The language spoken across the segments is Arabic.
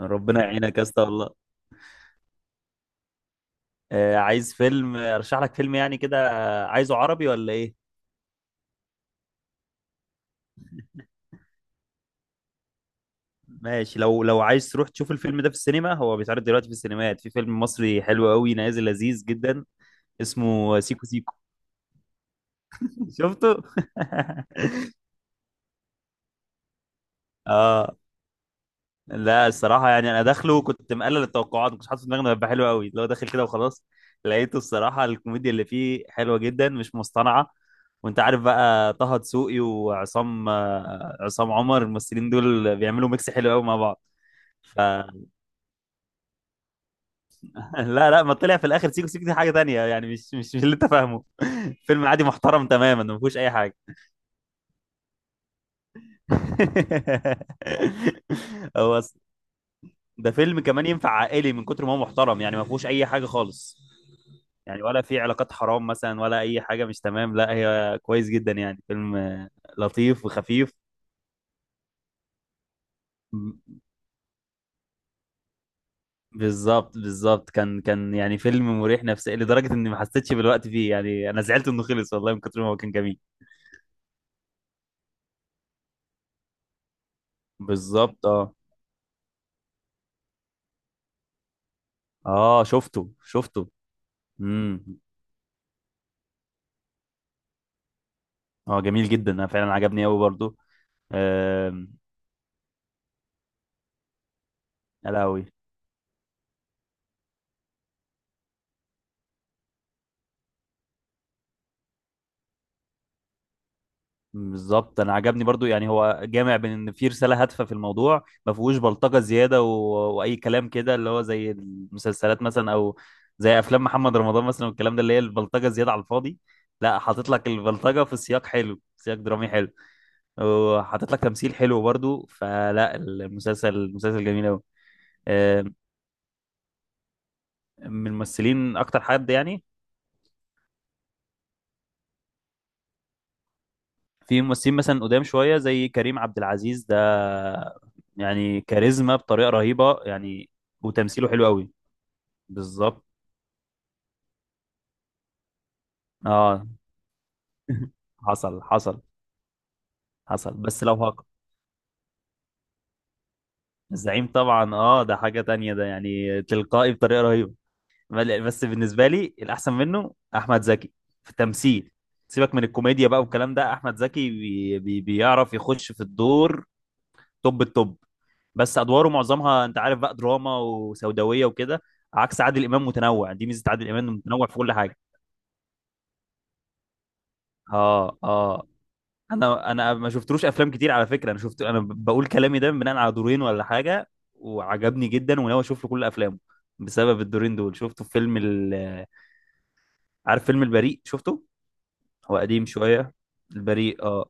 ربنا يعينك يا اسطى والله. عايز فيلم، ارشح لك فيلم يعني كده. عايزه عربي ولا ايه؟ ماشي، لو عايز تروح تشوف الفيلم ده في السينما، هو بيتعرض دلوقتي في السينمات، في فيلم مصري حلو قوي نازل لذيذ جدا، اسمه سيكو سيكو. شفته. اه. لا، الصراحة يعني أنا داخله كنت مقلل التوقعات، ما كنتش حاطط في دماغي إنه هيبقى حلو قوي، اللي هو داخل كده وخلاص. لقيته الصراحة الكوميديا اللي فيه حلوة جدا، مش مصطنعة. وأنت عارف بقى طه دسوقي وعصام، عصام عمر، الممثلين دول بيعملوا ميكس حلو قوي مع بعض. فلا. لا لا، ما طلع في الآخر سيكو سيكو دي حاجة تانية، يعني مش اللي أنت فاهمه. فيلم عادي محترم تماما، ما فيهوش أي حاجة. هو ده فيلم كمان ينفع عائلي، من كتر ما هو محترم. يعني ما فيهوش اي حاجه خالص، يعني ولا في علاقات حرام مثلا ولا اي حاجه مش تمام. لا، هي كويس جدا يعني، فيلم لطيف وخفيف. م- بالظبط بالظبط، كان يعني فيلم مريح نفسيا، لدرجه اني ما حسيتش بالوقت فيه. يعني انا زعلت انه خلص والله من كتر ما هو كان جميل. بالظبط اه. اه، شفته شفته. امم اه، جميل جدا، انا فعلا عجبني قوي برضو. آم، يا لهوي. بالظبط، انا عجبني برضو، يعني هو جامع بين ان في رساله هادفه في الموضوع، ما فيهوش بلطجه زياده و... واي كلام كده، اللي هو زي المسلسلات مثلا، او زي افلام محمد رمضان مثلا والكلام ده، اللي هي البلطجه زياده على الفاضي. لا، حاطط لك البلطجه في سياق حلو، سياق درامي حلو، وحاطط لك تمثيل حلو برضو. فلا، المسلسل جميل قوي. من الممثلين اكتر حد يعني؟ في ممثلين مثلا قدام شويه، زي كريم عبد العزيز ده، يعني كاريزما بطريقه رهيبه يعني، وتمثيله حلو قوي. بالظبط اه. حصل حصل حصل، بس لو هق. الزعيم طبعا اه، ده حاجه تانية، ده يعني تلقائي بطريقه رهيبه. بس بالنسبه لي الاحسن منه احمد زكي في التمثيل. سيبك من الكوميديا بقى والكلام ده، احمد زكي بي بي بيعرف يخش في الدور، توب التوب. بس ادواره معظمها انت عارف بقى دراما وسوداويه وكده، عكس عادل امام، متنوع، دي ميزه عادل امام، إنه متنوع في كل حاجه. اه اه. انا ما شفتلوش افلام كتير على فكره، انا شفت، انا بقول كلامي ده بناء على دورين ولا حاجه، وعجبني جدا، وناوي اشوف له كل افلامه بسبب الدورين دول. شفته في عارف فيلم البريء؟ شفته. هو قديم شويه. البريء اه.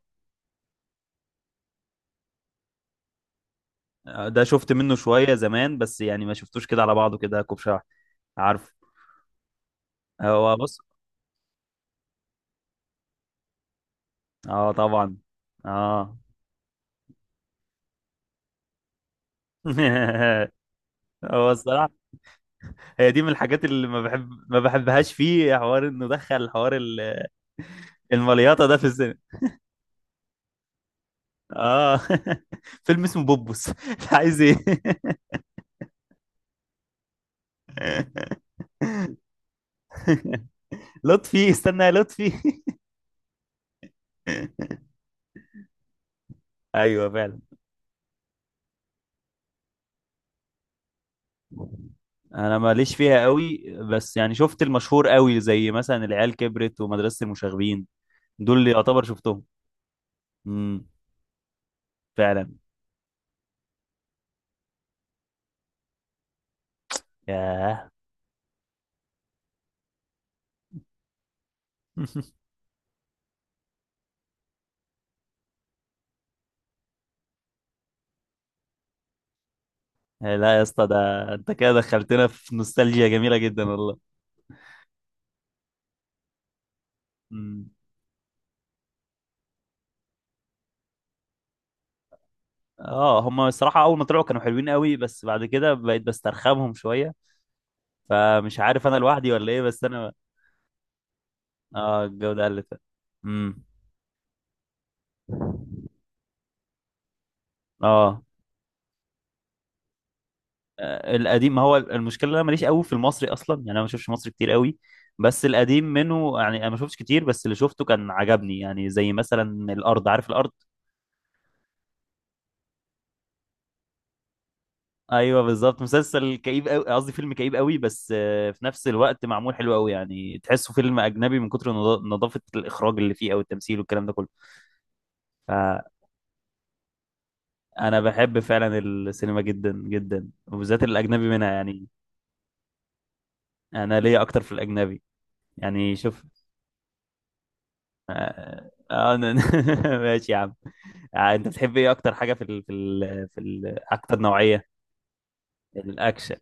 ده شفت منه شويه زمان، بس يعني ما شفتوش كده على بعضه كده كوب شرح. عارف. هو بص. اه طبعا. اه. هو الصراحة، هي دي من الحاجات اللي ما بحبهاش فيه، حوار انه دخل حوار المليطة ده في السينما. اه. فيلم اسمه بوبوس، انت عايز ايه؟ لطفي، استنى يا لطفي. ايوه فعلا. انا ماليش فيها قوي، بس يعني شفت المشهور قوي، زي مثلا العيال كبرت ومدرسة المشاغبين، دول اللي يعتبر شفتهم. امم فعلا. ياه. لا يا اسطى، ده انت كده دخلتنا في نوستالجيا جميله جدا والله. مم. اه، هم الصراحه اول ما طلعوا كانوا حلوين قوي، بس بعد كده بقيت بسترخمهم شويه، فمش عارف انا لوحدي ولا ايه، بس انا اه. الجوده قلت. امم اه. القديم، ما هو المشكله إن انا ماليش قوي في المصري اصلا، يعني انا ما بشوفش مصري كتير قوي، بس القديم منه يعني انا ما شفتش كتير، بس اللي شفته كان عجبني. يعني زي مثلا الارض، عارف الارض؟ ايوه بالظبط، مسلسل كئيب قوي، قصدي فيلم كئيب قوي، بس في نفس الوقت معمول حلو قوي، يعني تحسه فيلم اجنبي، من كتر نظافه الاخراج اللي فيه او التمثيل والكلام ده كله. فانا بحب فعلا السينما جدا جدا، وبالذات الاجنبي منها يعني. انا ليا اكتر في الاجنبي. يعني شوف، انا. ماشي يا عم. انت بتحب ايه اكتر حاجه، اكتر نوعيه؟ الاكشن.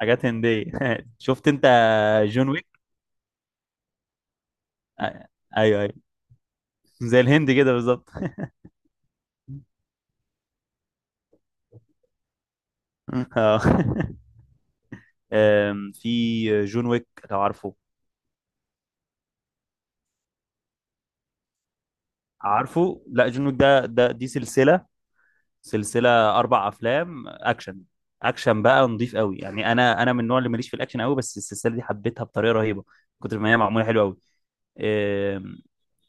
حاجات هنديه. شفت انت. جون ويك. آه، ايوه ايوه. زي الهند كده بالظبط. اه. في جون ويك، لو عارفه. عارفه. لا، جون ويك ده ده دي سلسله، سلسله، اربع افلام اكشن. اكشن بقى نضيف قوي، يعني انا، انا من النوع اللي ماليش في الاكشن قوي، بس السلسله دي حبيتها بطريقه رهيبه، كتر ما هي معموله حلوه قوي. آم،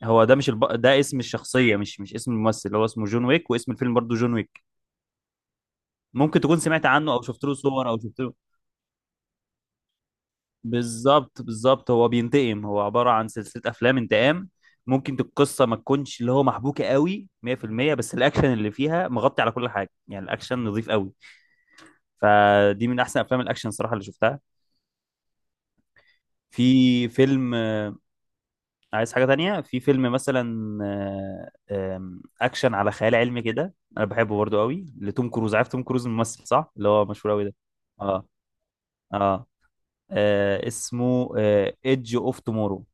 هو ده، مش الب... ده اسم الشخصيه، مش اسم الممثل، هو اسمه جون ويك واسم الفيلم برضه جون ويك. ممكن تكون سمعت عنه او شفت له صور او شفت له. بالظبط بالظبط، هو بينتقم، هو عبارة عن سلسلة أفلام انتقام. ممكن القصة ما تكونش اللي هو محبوكة قوي 100%، بس الأكشن اللي فيها مغطي على كل حاجة، يعني الأكشن نظيف قوي. فدي من أحسن أفلام الأكشن صراحة اللي شفتها. في فيلم عايز حاجة تانية، في فيلم مثلا آه، آم، أكشن على خيال علمي كده، أنا بحبه برضو قوي، لتوم كروز، عارف توم كروز الممثل، صح؟ اللي هو مشهور قوي ده. اه اه. اسمه ايدج اوف تومورو.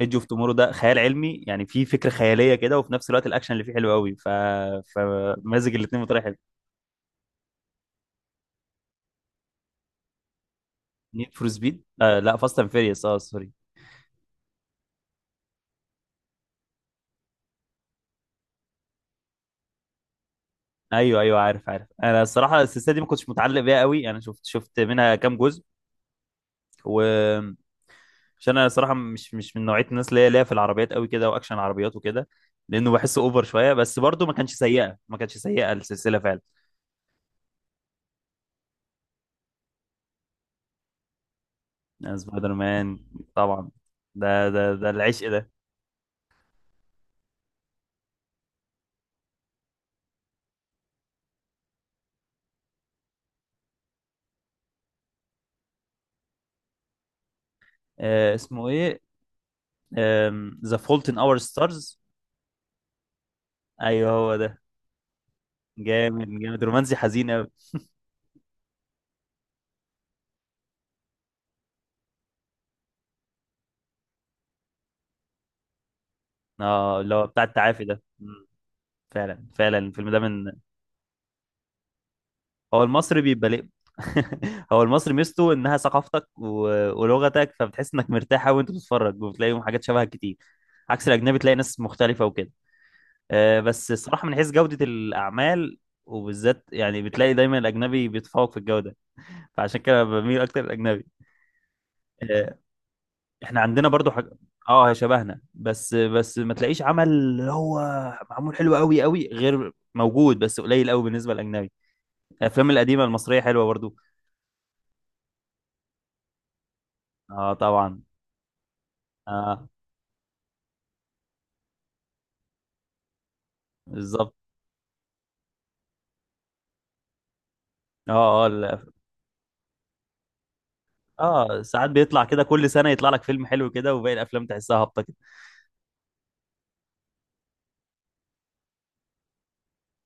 ايدج اوف تومورو، ده خيال علمي، يعني فيه فكره خياليه كده، وفي نفس الوقت الاكشن اللي فيه حلو قوي، ف. فمزج الاثنين بطريقه حلوه. نيد فور سبيد، آه لا، فاست اند فيريوس، اه سوري. ايوه ايوه عارف عارف، انا الصراحه السلسله دي ما كنتش متعلق بيها قوي، انا شفت منها كام جزء، و. عشان انا صراحه مش من نوعيه الناس اللي هي ليا في العربيات قوي كده، واكشن عربيات وكده، لانه بحسه اوفر شويه، بس برضه ما كانش سيئه، ما كانتش سيئه السلسله فعلا. سبايدر مان طبعا، ده العشق ده. اسمه ايه، ذا فولت ان اور ستارز. ايوه هو ده. جامد جامد، رومانسي حزين قوي. اه، اللي هو بتاع التعافي ده. مم. فعلا فعلا، الفيلم ده من. هو المصري بيبقى ليه. هو المصري ميزته انها ثقافتك و... ولغتك، فبتحس انك مرتاح قوي وانت بتتفرج، وبتلاقيهم حاجات شبهها كتير، عكس الاجنبي تلاقي ناس مختلفه وكده. بس الصراحه من حيث جوده الاعمال، وبالذات يعني بتلاقي دايما الاجنبي بيتفوق في الجوده، فعشان كده بميل اكتر الاجنبي. احنا عندنا برضو حاجة، اه، هي شبهنا، بس ما تلاقيش عمل اللي هو معمول حلو قوي قوي، غير موجود، بس قليل قوي بالنسبة للأجنبي. الأفلام القديمة المصرية حلوة برضو. اه طبعا. اه. بالظبط. اه اه اه، ساعات بيطلع كده كل سنة يطلع لك فيلم حلو كده، وباقي الأفلام تحسها هابطة.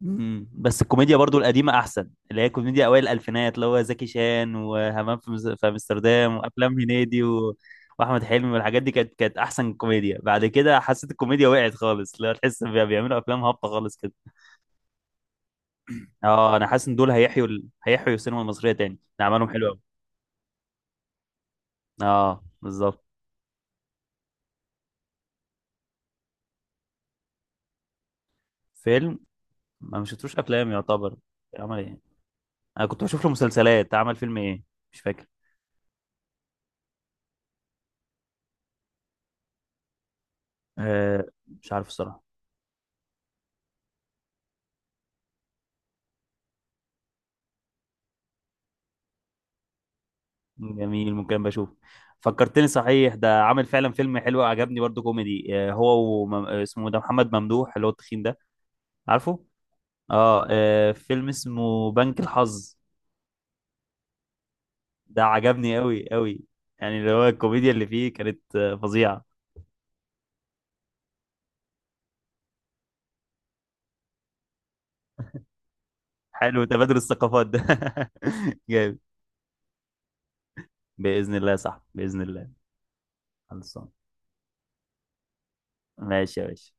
مم. بس الكوميديا برضو القديمة أحسن، اللي هي كوميديا أوائل الألفينات، اللي هو زكي شان وهمام في في أمستردام، وأفلام هنيدي و... وأحمد حلمي والحاجات دي، كانت أحسن كوميديا. بعد كده حسيت الكوميديا وقعت خالص، لا، تحس بيعملوا أفلام هابطة خالص كده. أه، أنا حاسس إن دول هيحيوا السينما المصرية تاني، ده أعمالهم حلوة أوي. أه بالظبط. فيلم. ما مش شفتوش أفلام يعتبر. عمل إيه؟ أنا كنت بشوف له مسلسلات، عمل فيلم إيه؟ مش فاكر. أه مش عارف الصراحة. جميل، ممكن بشوف. فكرتني صحيح، ده عامل فعلا فيلم حلو عجبني برضو كوميدي، هو وم... آه، اسمه ده محمد ممدوح اللي هو التخين ده، عارفه؟ اه. فيلم اسمه بنك الحظ. ده عجبني قوي قوي، يعني اللي هو الكوميديا اللي فيه كانت فظيعة. حلو تبادل الثقافات ده. جامد، بإذن الله، صح، بإذن الله. خلصان، ماشي يا باشا.